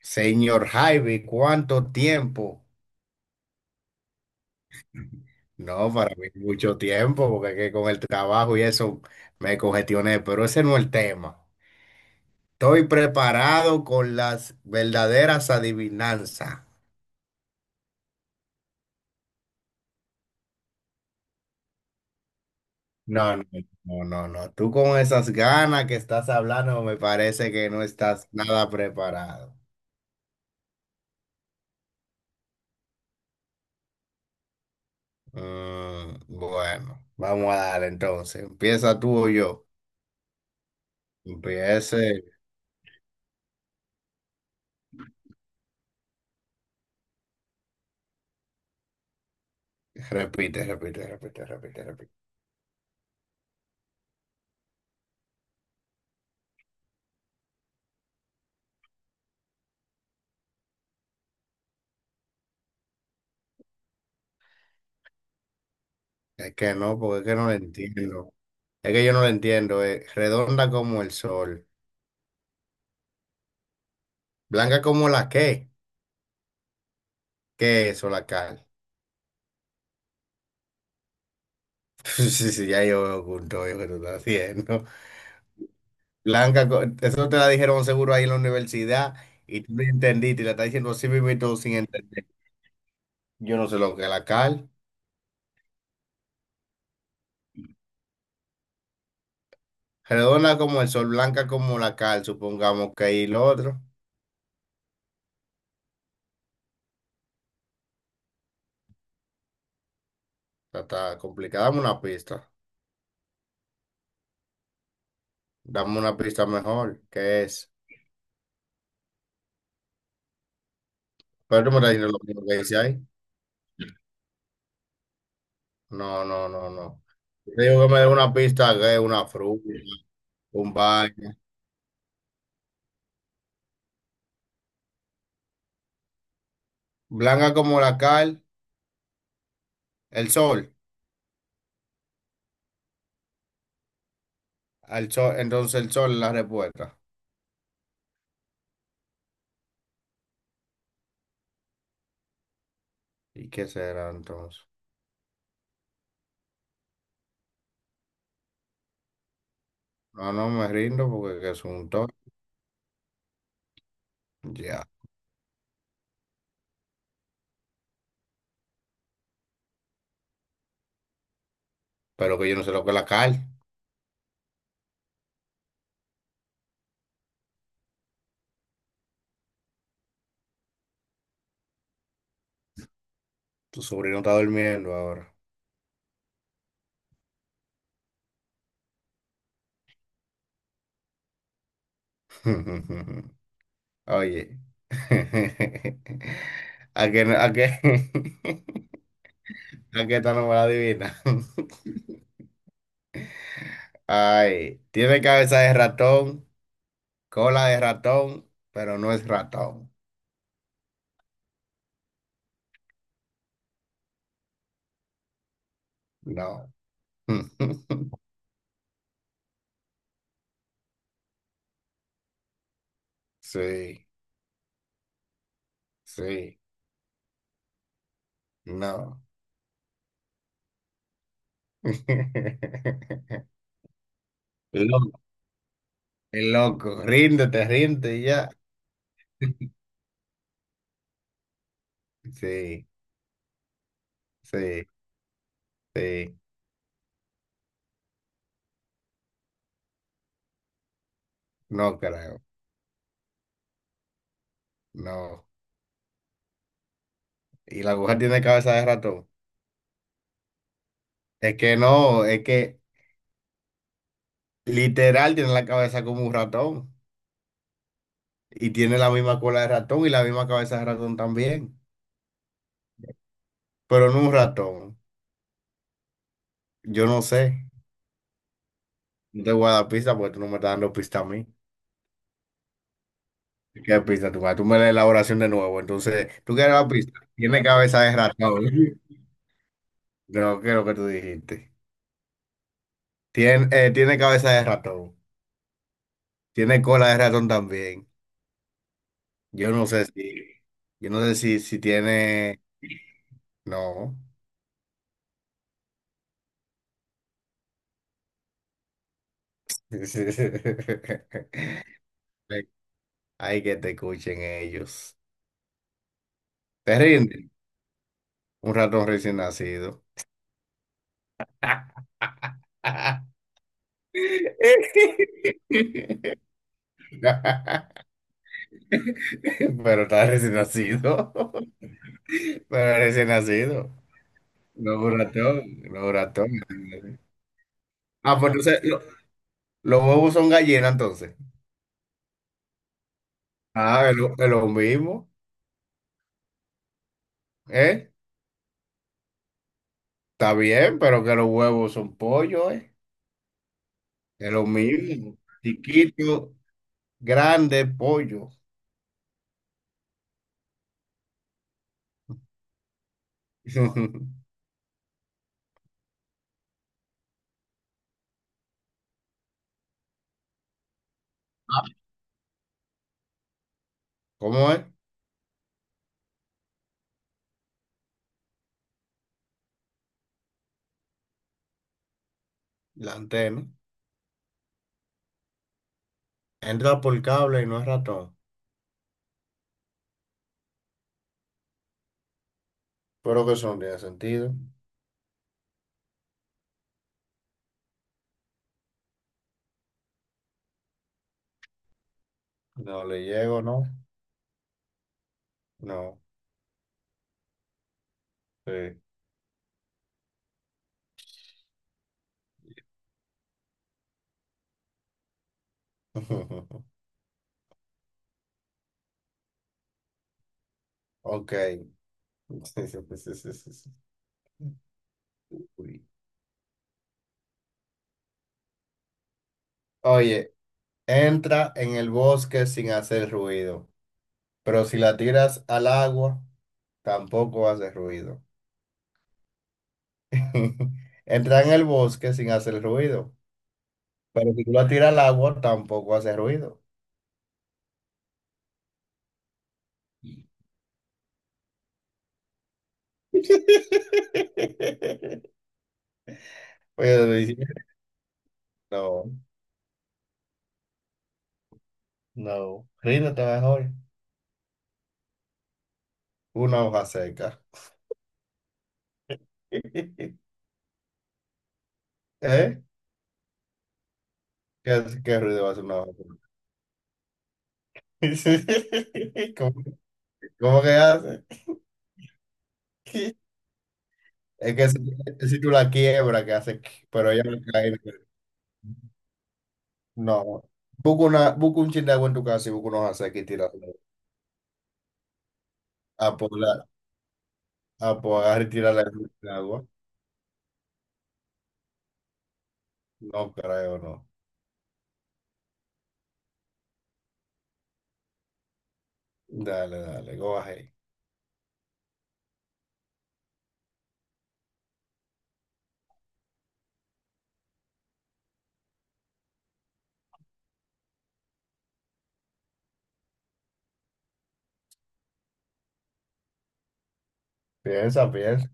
Señor Javi, ¿cuánto tiempo? No, para mí mucho tiempo, porque es que con el trabajo y eso me congestioné, pero ese no es el tema. Estoy preparado con las verdaderas adivinanzas. No, no, no, no, no. Tú con esas ganas que estás hablando, me parece que no estás nada preparado. Bueno, vamos a darle entonces. Empieza tú o yo. Empiece. Repite, repite, repite, repite, repite. Es que no, porque es que no lo entiendo. Es que yo no lo entiendo. Es redonda como el sol. Blanca como la qué. ¿Qué es eso, la cal? Sí, sí, ya yo veo junto yo que tú estás haciendo. Blanca, co- eso te la dijeron seguro ahí en la universidad y tú no entendiste y la estás diciendo así mismo y todo sin entender. Yo no sé lo que es la cal. Redonda como el sol, blanca como la cal, supongamos que ahí lo otro. Está, está complicado. Dame una pista. Dame una pista mejor. ¿Qué es? Pero tú me estás diciendo lo mismo que dice ahí. No, no, no, no. Te digo que me dé una pista, que es una fruta, un baño. Blanca como la cal, el sol. El sol, entonces el sol es la respuesta. ¿Y qué será entonces? No, no me rindo porque que es un toro. Ya. Pero que yo no sé lo que es la cal. Tu sobrino está durmiendo ahora. Oye. ¿A qué, no- a qué, a qué esta no me la adivina? Ay, tiene cabeza de ratón. Cola de ratón, pero no es ratón. No. Sí, sí, no. Loco, el loco. Ríndete, ríndete y ya. Sí, sí, sí. No creo. No. Y la aguja tiene cabeza de ratón. Es que no, es que literal tiene la cabeza como un ratón. Y tiene la misma cola de ratón y la misma cabeza de ratón también. Pero no un ratón. Yo no sé. No te voy a dar pista porque tú no me estás dando pista a mí. ¿Qué pista tú vas? Tú me das la elaboración de nuevo. Entonces, ¿tú quieres la pista? Tiene cabeza de ratón. Creo que es lo que tú dijiste. Tiene, tiene cabeza de ratón. Tiene cola de ratón también. Yo no sé si. Yo no sé si, si tiene. No. Hay que te escuchen ellos. ¿Te rinden? Un ratón recién nacido. Pero está recién nacido. Pero recién nacido. No es un ratón, no es un ratón. Ah, pues entonces lo- los huevos son gallinas entonces. Ah, es lo mismo. ¿Eh? Está bien, pero que los huevos son pollo, ¿eh? Es lo mismo. Chiquito, grande, pollo. ¿Cómo es? La antena. Entra por cable y no es ratón. Pero que son, ¿de tiene sentido. No le llego, ¿no? No. Sí. Ok. Sí, sí, sí, sí, sí, sí. Uy. Oye, entra en el bosque sin hacer ruido, pero si la tiras al agua, tampoco hace ruido. Entra en el bosque sin hacer ruido, pero si tú la tiras al agua, tampoco hace ruido. Oye, lo dije, no, no, ríndete mejor. Una hoja seca. ¿Eh? ¿Qué, qué ruido hace una hoja seca? ¿Cómo, cómo que hace? Es que si, si tú la quiebras, ¿que hace? Pero ella no cae. No. Busca, una, busca un chin de agua en tu casa y busca unos aceques y tira. A por la, a por agarrar y tirar la agua. No creo, no. Dale, dale, go ahead. Piensa, piensa.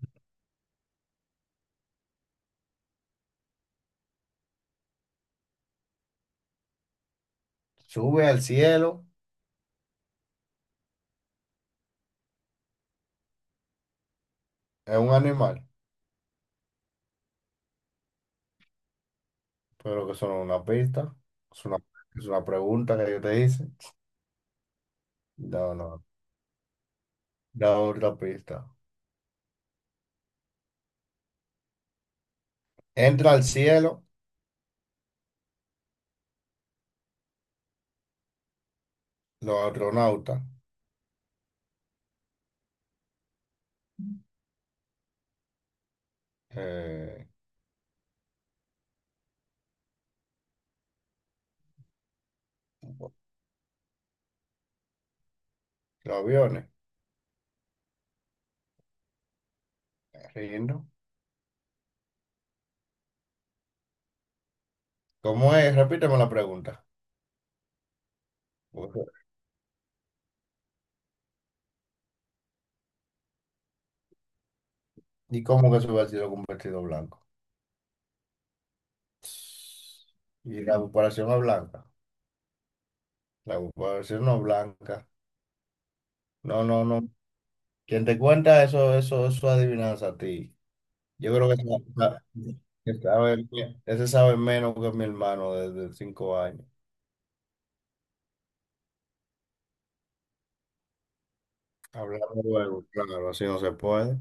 Sube al cielo. Es un animal. Pero que son una pista. Es una, es una pregunta que yo te hice. No, no. Da otra pista. Entra al cielo los astronautas. eh, los aviones. Riendo. ¿Cómo es? Repíteme la pregunta. Porque- ¿y cómo que se hubiera sido con un vestido blanco? Y la comparación no es blanca. La comparación no es blanca. No, no, no. Quien te cuenta eso, eso, eso es adivinanza a ti. Yo creo que ese sa- que sabe, ese sabe menos que mi hermano desde 5 años. Hablando luego, claro, así no se puede.